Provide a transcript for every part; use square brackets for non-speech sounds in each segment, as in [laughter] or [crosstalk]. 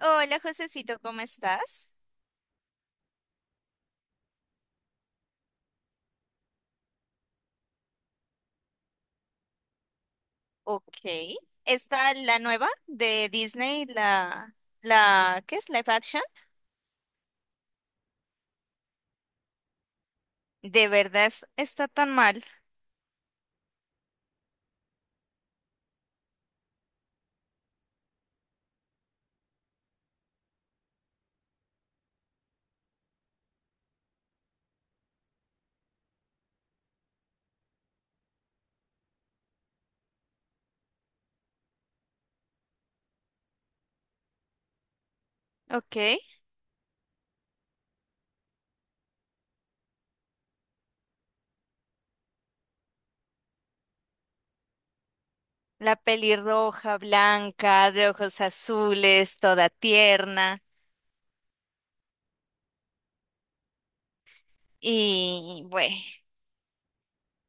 Hola, Josecito, ¿cómo estás? Ok. Está la nueva de Disney, la, ¿qué es? Live action. De verdad está tan mal. Ok. La pelirroja, blanca, de ojos azules, toda tierna. Y bueno,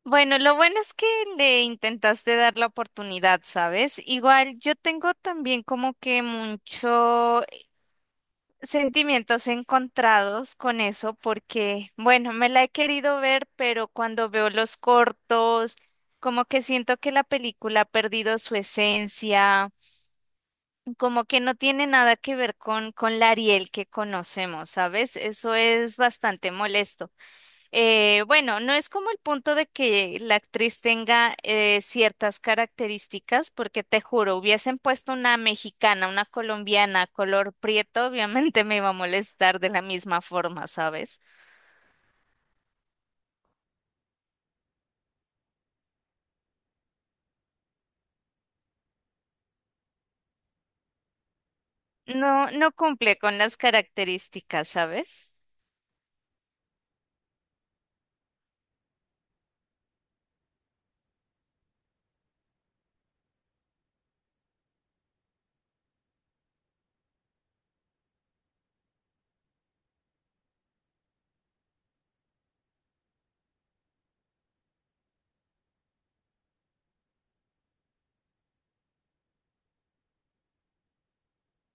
bueno, lo bueno es que le intentaste dar la oportunidad, ¿sabes? Igual yo tengo también como que mucho sentimientos encontrados con eso porque, bueno, me la he querido ver, pero cuando veo los cortos, como que siento que la película ha perdido su esencia, como que no tiene nada que ver con la Ariel que conocemos, ¿sabes? Eso es bastante molesto. Bueno, no es como el punto de que la actriz tenga ciertas características, porque te juro, hubiesen puesto una mexicana, una colombiana, color prieto, obviamente me iba a molestar de la misma forma, ¿sabes? No, no cumple con las características, ¿sabes?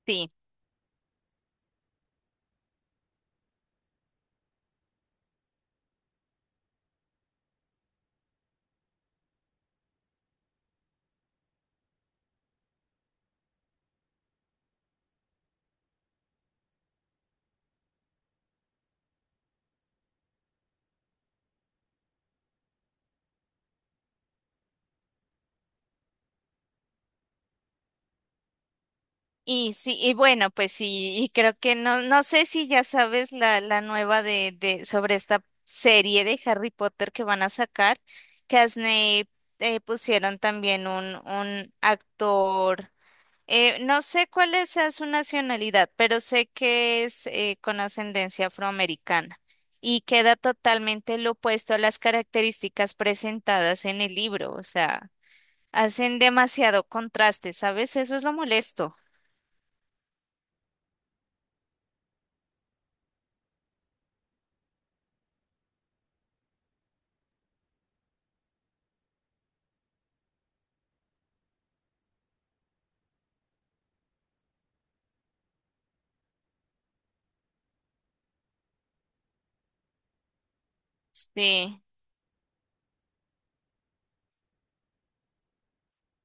Sí. Y sí, y bueno, pues sí, y creo que no, no sé si ya sabes la nueva de, sobre esta serie de Harry Potter que van a sacar, que a Snape pusieron también un actor, no sé cuál es sea su nacionalidad, pero sé que es con ascendencia afroamericana y queda totalmente lo opuesto a las características presentadas en el libro, o sea, hacen demasiado contraste, ¿sabes? Eso es lo molesto. Sí.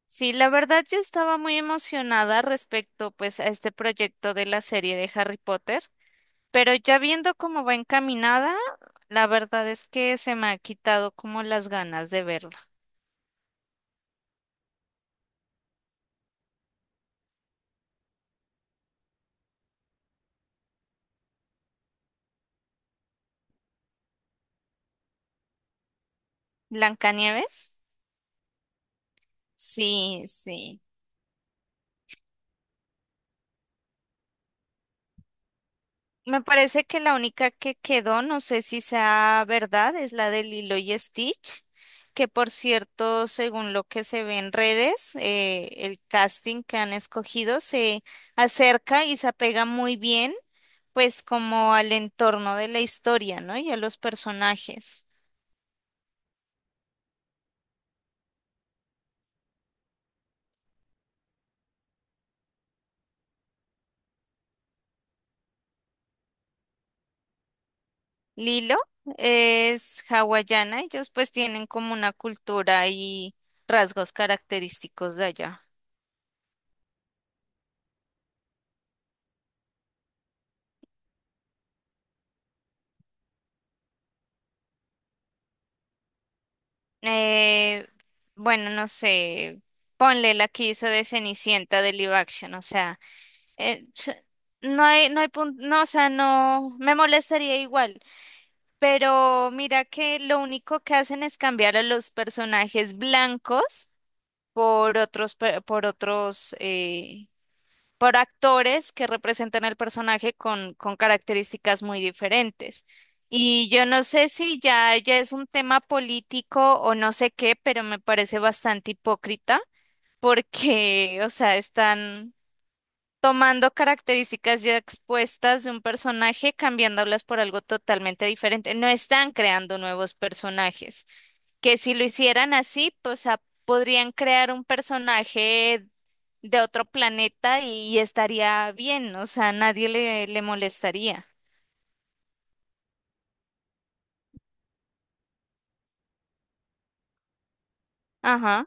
Sí, la verdad yo estaba muy emocionada respecto pues a este proyecto de la serie de Harry Potter, pero ya viendo cómo va encaminada, la verdad es que se me ha quitado como las ganas de verla. ¿Blancanieves? Sí, sí. Me parece que la única que quedó, no sé si sea verdad, es la de Lilo y Stitch, que por cierto, según lo que se ve en redes, el casting que han escogido se acerca y se apega muy bien, pues como al entorno de la historia, ¿no? Y a los personajes. Lilo es hawaiana, ellos pues tienen como una cultura y rasgos característicos de allá. Eh, bueno, no sé, ponle la que hizo de Cenicienta de live action, o sea, eh, ch- no hay punto, no, o sea, no, me molestaría igual, pero mira que lo único que hacen es cambiar a los personajes blancos por otros, por otros, por actores que representan al personaje con características muy diferentes. Y yo no sé si ya es un tema político o no sé qué, pero me parece bastante hipócrita porque, o sea, están tomando características ya expuestas de un personaje, cambiándolas por algo totalmente diferente. No están creando nuevos personajes, que si lo hicieran así, pues ah, podrían crear un personaje de otro planeta y estaría bien, o sea, nadie le, le molestaría. Ajá.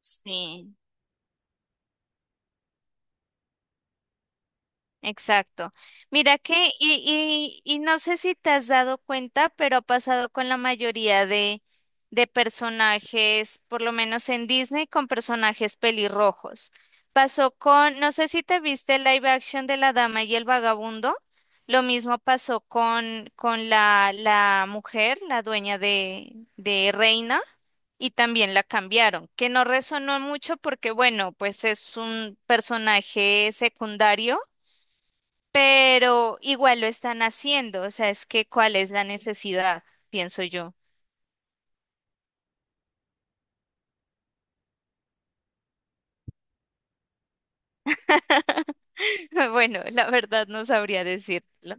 Sí. Exacto. Mira que, y no sé si te has dado cuenta, pero ha pasado con la mayoría de personajes, por lo menos en Disney, con personajes pelirrojos. Pasó con, no sé si te viste el live action de La Dama y el Vagabundo. Lo mismo pasó con la mujer, la dueña de Reina, y también la cambiaron, que no resonó mucho porque, bueno, pues es un personaje secundario, pero igual lo están haciendo, o sea, es que cuál es la necesidad, pienso yo. [laughs] Bueno, la verdad no sabría decirlo.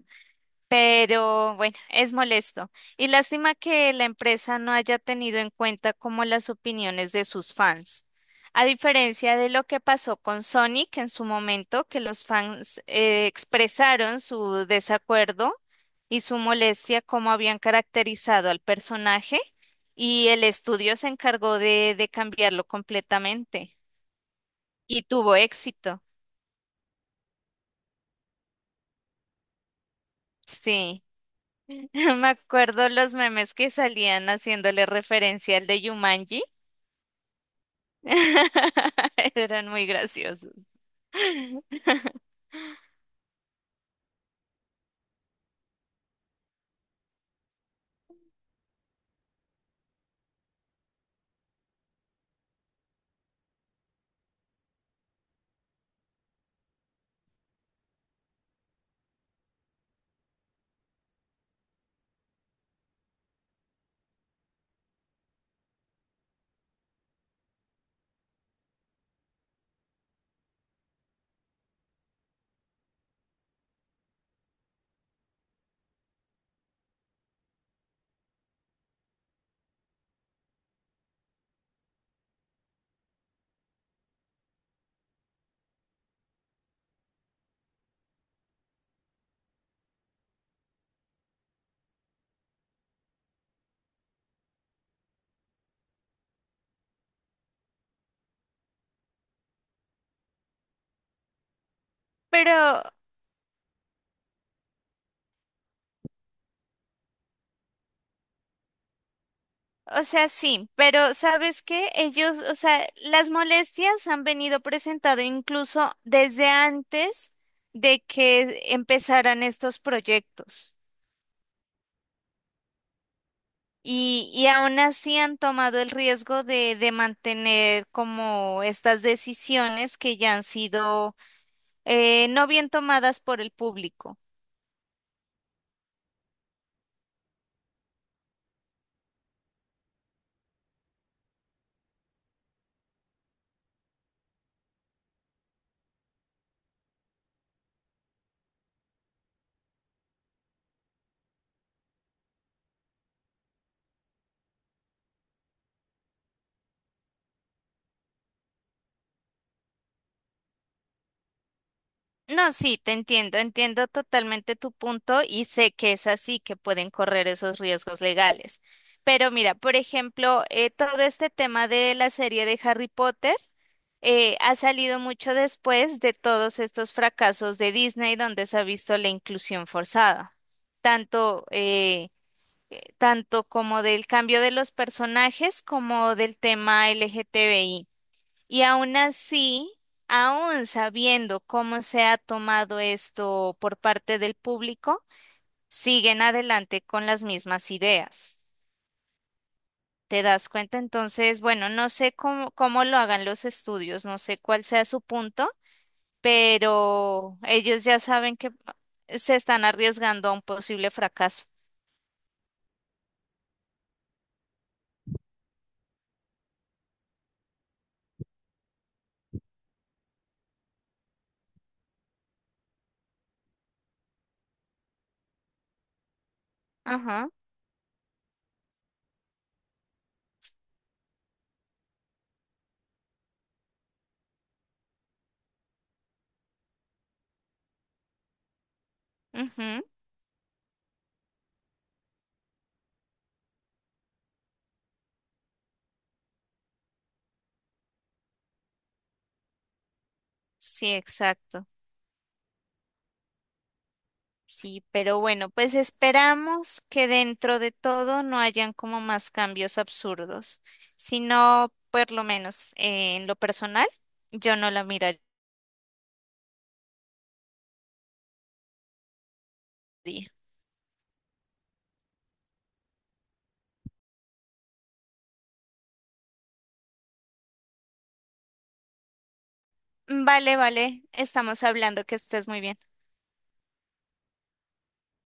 Pero bueno, es molesto. Y lástima que la empresa no haya tenido en cuenta como las opiniones de sus fans. A diferencia de lo que pasó con Sonic en su momento, que los fans expresaron su desacuerdo y su molestia como habían caracterizado al personaje y el estudio se encargó de cambiarlo completamente y tuvo éxito. Sí. [laughs] Me acuerdo los memes que salían haciéndole referencia al de Yumanji. [laughs] Eran muy graciosos. [laughs] Pero, o sea, sí, pero ¿sabes qué? Ellos, o sea, las molestias han venido presentado incluso desde antes de que empezaran estos proyectos. Y aún así han tomado el riesgo de mantener como estas decisiones que ya han sido no bien tomadas por el público. No, sí, te entiendo, entiendo totalmente tu punto y sé que es así que pueden correr esos riesgos legales. Pero mira, por ejemplo, todo este tema de la serie de Harry Potter ha salido mucho después de todos estos fracasos de Disney donde se ha visto la inclusión forzada, tanto, eh, tanto como del cambio de los personajes como del tema LGTBI. Y aún así, aún sabiendo cómo se ha tomado esto por parte del público, siguen adelante con las mismas ideas. ¿Te das cuenta? Entonces, bueno, no sé cómo lo hagan los estudios, no sé cuál sea su punto, pero ellos ya saben que se están arriesgando a un posible fracaso. Ajá, ujú, sí, exacto. Sí, pero bueno, pues esperamos que dentro de todo no hayan como más cambios absurdos, sino por lo menos en lo personal, yo no la miraría. Vale, vale, estamos hablando, que estés muy bien.